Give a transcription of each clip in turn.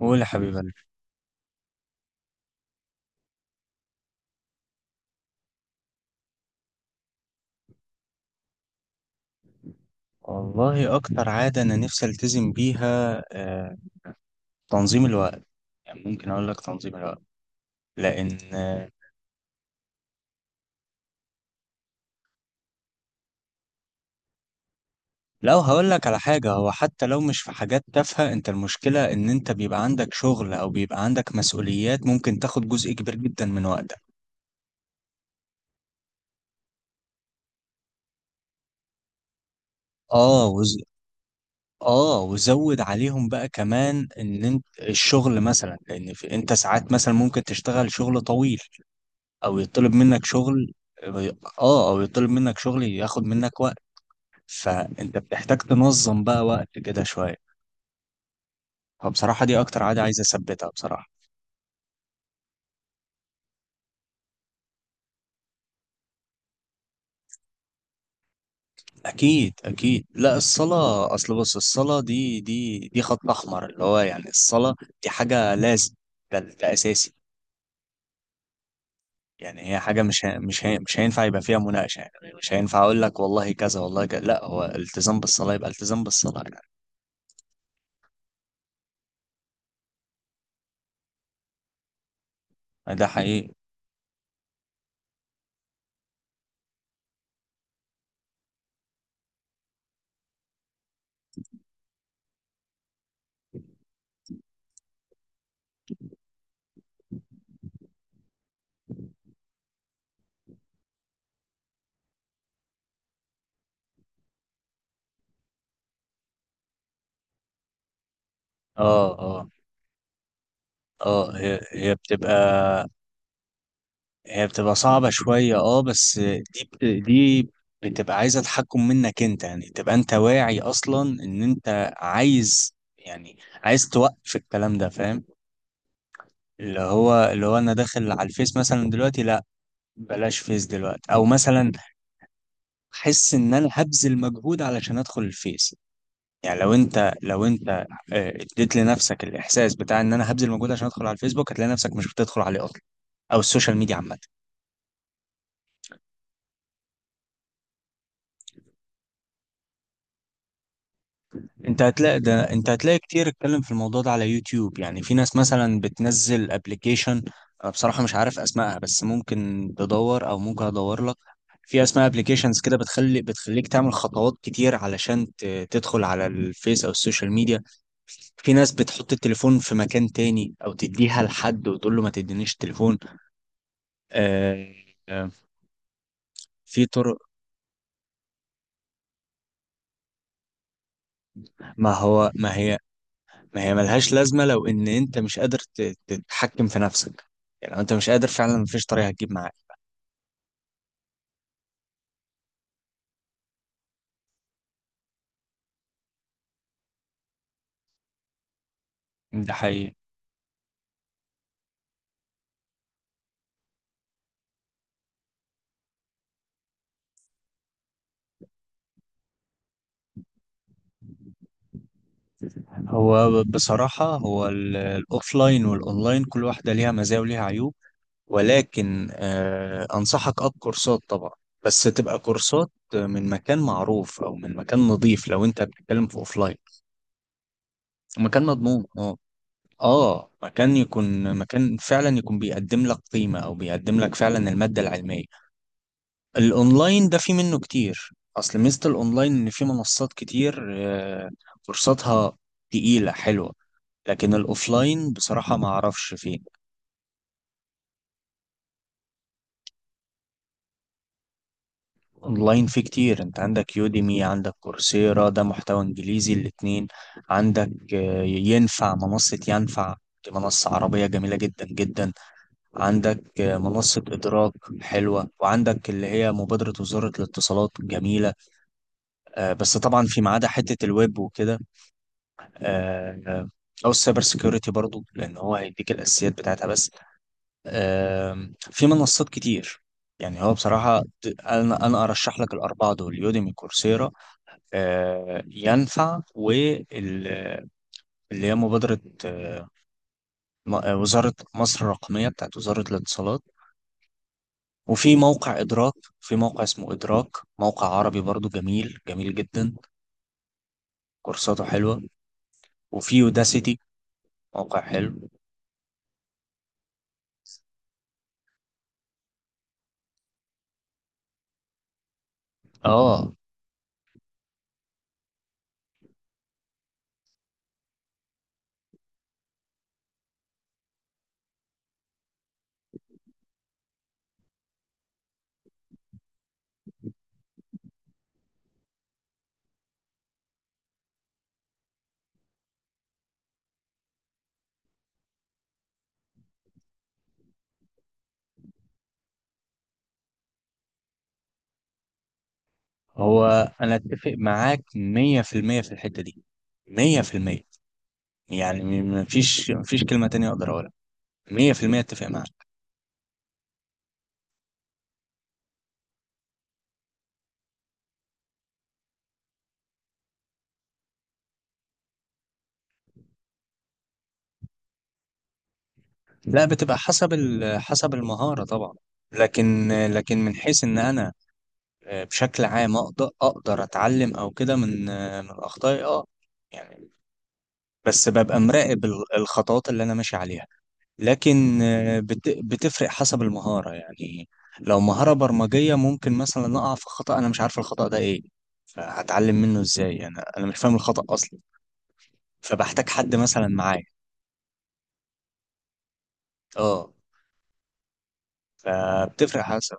قول يا حبيب قلبي. والله اكتر عاده انا نفسي التزم بيها، تنظيم الوقت. يعني ممكن اقول لك تنظيم الوقت لان لو هقول لك على حاجه، هو حتى لو مش في حاجات تافهه، انت المشكله ان انت بيبقى عندك شغل او بيبقى عندك مسؤوليات، ممكن تاخد جزء كبير جدا من وقتك. اه وز... اه وزود عليهم بقى كمان ان انت الشغل مثلا، لان انت ساعات مثلا ممكن تشتغل شغل طويل او يطلب منك شغل. اه او يطلب منك شغل ياخد منك وقت، فانت بتحتاج تنظم بقى وقت كده شويه. فبصراحه دي اكتر عاده عايز اثبتها بصراحه. اكيد اكيد، لا الصلاه، اصل بص، الصلاه دي خط احمر، اللي هو يعني الصلاه دي حاجه لازم. ده اساسي. يعني هي حاجه مش هينفع يبقى فيها مناقشه يعني. مش هينفع اقول لك والله كذا والله كذا، لا هو التزام بالصلاه يبقى التزام بالصلاه يعني. ده حقيقي. اه اه اه هي بتبقى، هي بتبقى صعبة شوية اه بس. دي بتبقى عايزة تحكم منك انت، يعني تبقى انت واعي اصلا ان انت عايز، يعني عايز توقف الكلام ده فاهم. اللي هو انا داخل على الفيس مثلا دلوقتي، لا بلاش فيس دلوقتي، او مثلا احس ان انا هبذل مجهود علشان ادخل الفيس. يعني لو انت اديت لنفسك الاحساس بتاع ان انا هبذل مجهود عشان ادخل على الفيسبوك، هتلاقي نفسك مش بتدخل عليه اصلا، او السوشيال ميديا عامة. انت هتلاقي ده، انت هتلاقي كتير اتكلم في الموضوع ده على يوتيوب. يعني في ناس مثلا بتنزل ابلكيشن، انا بصراحة مش عارف اسمائها، بس ممكن تدور او ممكن ادور لك. في اسماء ابلكيشنز كده بتخليك تعمل خطوات كتير علشان تدخل على الفيس او السوشيال ميديا. في ناس بتحط التليفون في مكان تاني، او تديها لحد وتقول له ما تدينيش التليفون. آه، آه، في طرق. ما هي، ملهاش لازمة لو إن أنت مش قادر تتحكم في نفسك. يعني لو أنت مش قادر فعلا، مفيش طريقة هتجيب معاك. ده حقيقي. بصراحة هو الأوفلاين والأونلاين، كل واحدة ليها مزايا وليها عيوب. ولكن آه أنصحك أب كورسات طبعا، بس تبقى كورسات من مكان معروف أو من مكان نظيف، لو أنت بتتكلم في أوفلاين. مكان مضمون، أه. اه مكان، يكون مكان فعلا يكون بيقدم لك قيمة، او بيقدم لك فعلا المادة العلمية. الاونلاين ده في منه كتير. اصل ميزة الاونلاين ان في منصات كتير، فرصتها تقيلة حلوة. لكن الاوفلاين بصراحة ما اعرفش فيه. اونلاين في كتير، انت عندك يوديمي، عندك كورسيرا، ده محتوى انجليزي الاتنين. عندك ينفع منصة، ينفع، دي منصة عربية جميلة جدا جدا. عندك منصة إدراك حلوة. وعندك اللي هي مبادرة وزارة الاتصالات جميلة، بس طبعا في ما عدا حتة الويب وكده، آه، او السايبر سيكيورتي برضو، لان هو هيديك الاساسيات بتاعتها بس. في منصات كتير. يعني هو بصراحة أنا أرشح لك الأربعة دول: يوديمي، كورسيرا، ينفع، واللي هي مبادرة آه، وزارة مصر الرقمية بتاعت وزارة الاتصالات، وفي موقع إدراك. في موقع اسمه إدراك، موقع عربي برضو جميل جميل جدا، كورساته حلوة. وفي يوداسيتي، موقع حلو. اه هو، أنا أتفق معاك مية في المية في الحتة دي. مية في المية. يعني مفيش كلمة تانية أقدر أقولها. مية في المية أتفق معاك. لا بتبقى حسب حسب المهارة طبعا. لكن من حيث إن أنا بشكل عام أقدر أتعلم أو كده من من أخطائي، أه يعني. بس ببقى مراقب الخطوات اللي أنا ماشي عليها. لكن بتفرق حسب المهارة يعني. لو مهارة برمجية ممكن مثلا أقع في خطأ، أنا مش عارف الخطأ ده إيه، فهتعلم منه إزاي؟ أنا مش فاهم الخطأ أصلا، فبحتاج حد مثلا معايا. أه، فبتفرق حسب.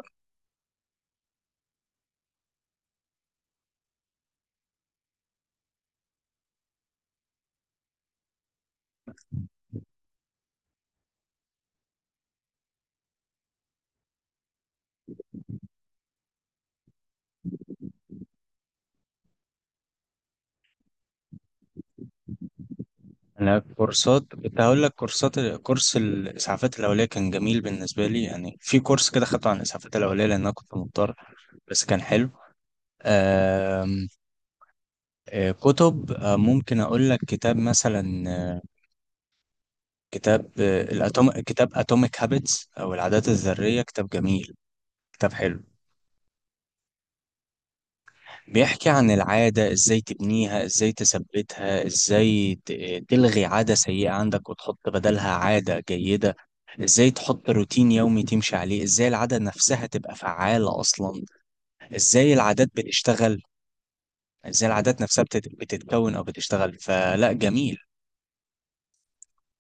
أنا كورسات، كنت هقول لك كورسات، كورس الإسعافات الأولية كان جميل بالنسبة لي. يعني في كورس كده خدته عن الإسعافات الأولية لأن أنا كنت مضطر، بس كان حلو. آم، كتب، ممكن أقول لك كتاب مثلا، كتاب الأتوم، كتاب اتوميك هابتس او العادات الذريه. كتاب جميل، كتاب حلو. بيحكي عن العاده، ازاي تبنيها، ازاي تثبتها، ازاي تلغي عاده سيئه عندك وتحط بدلها عاده جيده. ازاي تحط روتين يومي تمشي عليه، ازاي العاده نفسها تبقى فعاله اصلا، ازاي العادات بتشتغل، ازاي العادات نفسها بتتكون او بتشتغل. فلا، جميل.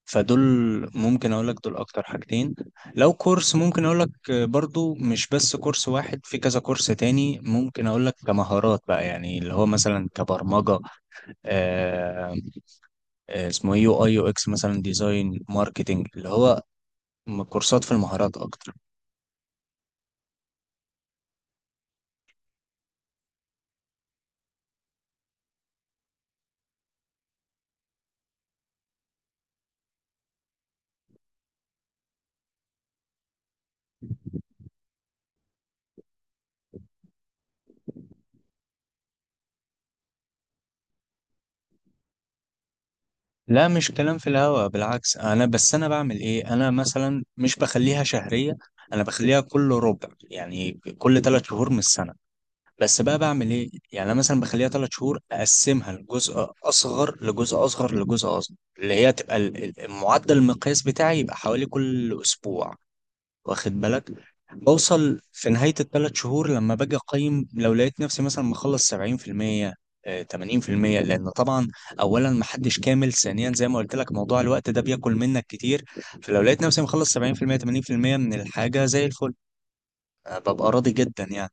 فدول ممكن اقول لك دول اكتر حاجتين. لو كورس ممكن اقول لك، برضو مش بس كورس واحد، في كذا كورس تاني ممكن اقول لك. كمهارات بقى، يعني اللي هو مثلا كبرمجة، آه، آه، اسمه إيه، يو اي، يو اكس مثلا، ديزاين، ماركتنج، اللي هو كورسات في المهارات اكتر. لا مش كلام في الهوا، بالعكس. انا بس انا بعمل ايه، انا مثلا مش بخليها شهرية، انا بخليها كل ربع يعني، كل ثلاث شهور من السنة. بس بقى بعمل ايه يعني، انا مثلا بخليها ثلاث شهور اقسمها لجزء اصغر، لجزء اصغر، لجزء اصغر، اللي هي تبقى المعدل، المقياس بتاعي، يبقى حوالي كل اسبوع. واخد بالك؟ بوصل في نهاية الثلاث شهور لما باجي أقيم، لو لقيت نفسي مثلا مخلص 70%، 80%، لأن طبعا أولا محدش كامل، ثانيا زي ما قلت لك موضوع الوقت ده بياكل منك كتير. فلو لقيت نفسي مخلص 70%، 80% من الحاجة زي الفل، ببقى راضي جدا يعني.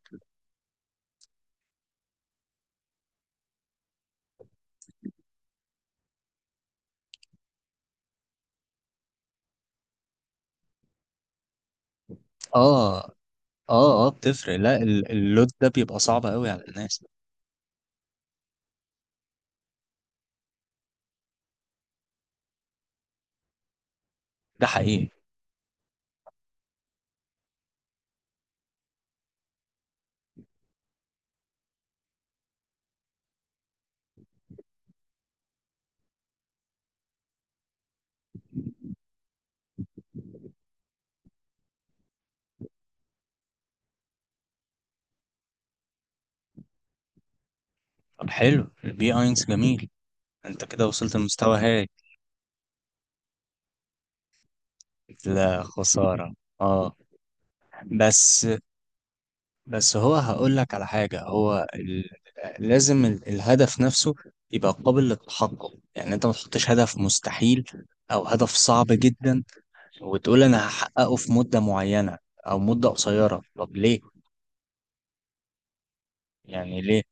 اه اه بتفرق. لا اللود ده بيبقى صعب قوي على الناس. ده حقيقي. طب حلو البي اينس جميل، انت كده وصلت لمستوى هاي. لا خسارة. اه بس، هو هقول لك على حاجة، هو لازم الهدف نفسه يبقى قابل للتحقق. يعني انت ما تحطش هدف مستحيل او هدف صعب جدا، وتقول انا هحققه في مدة معينة او مدة قصيرة. طب ليه يعني ليه؟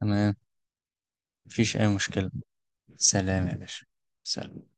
تمام، مفيش اي مشكلة. سلام يا باشا. سلام.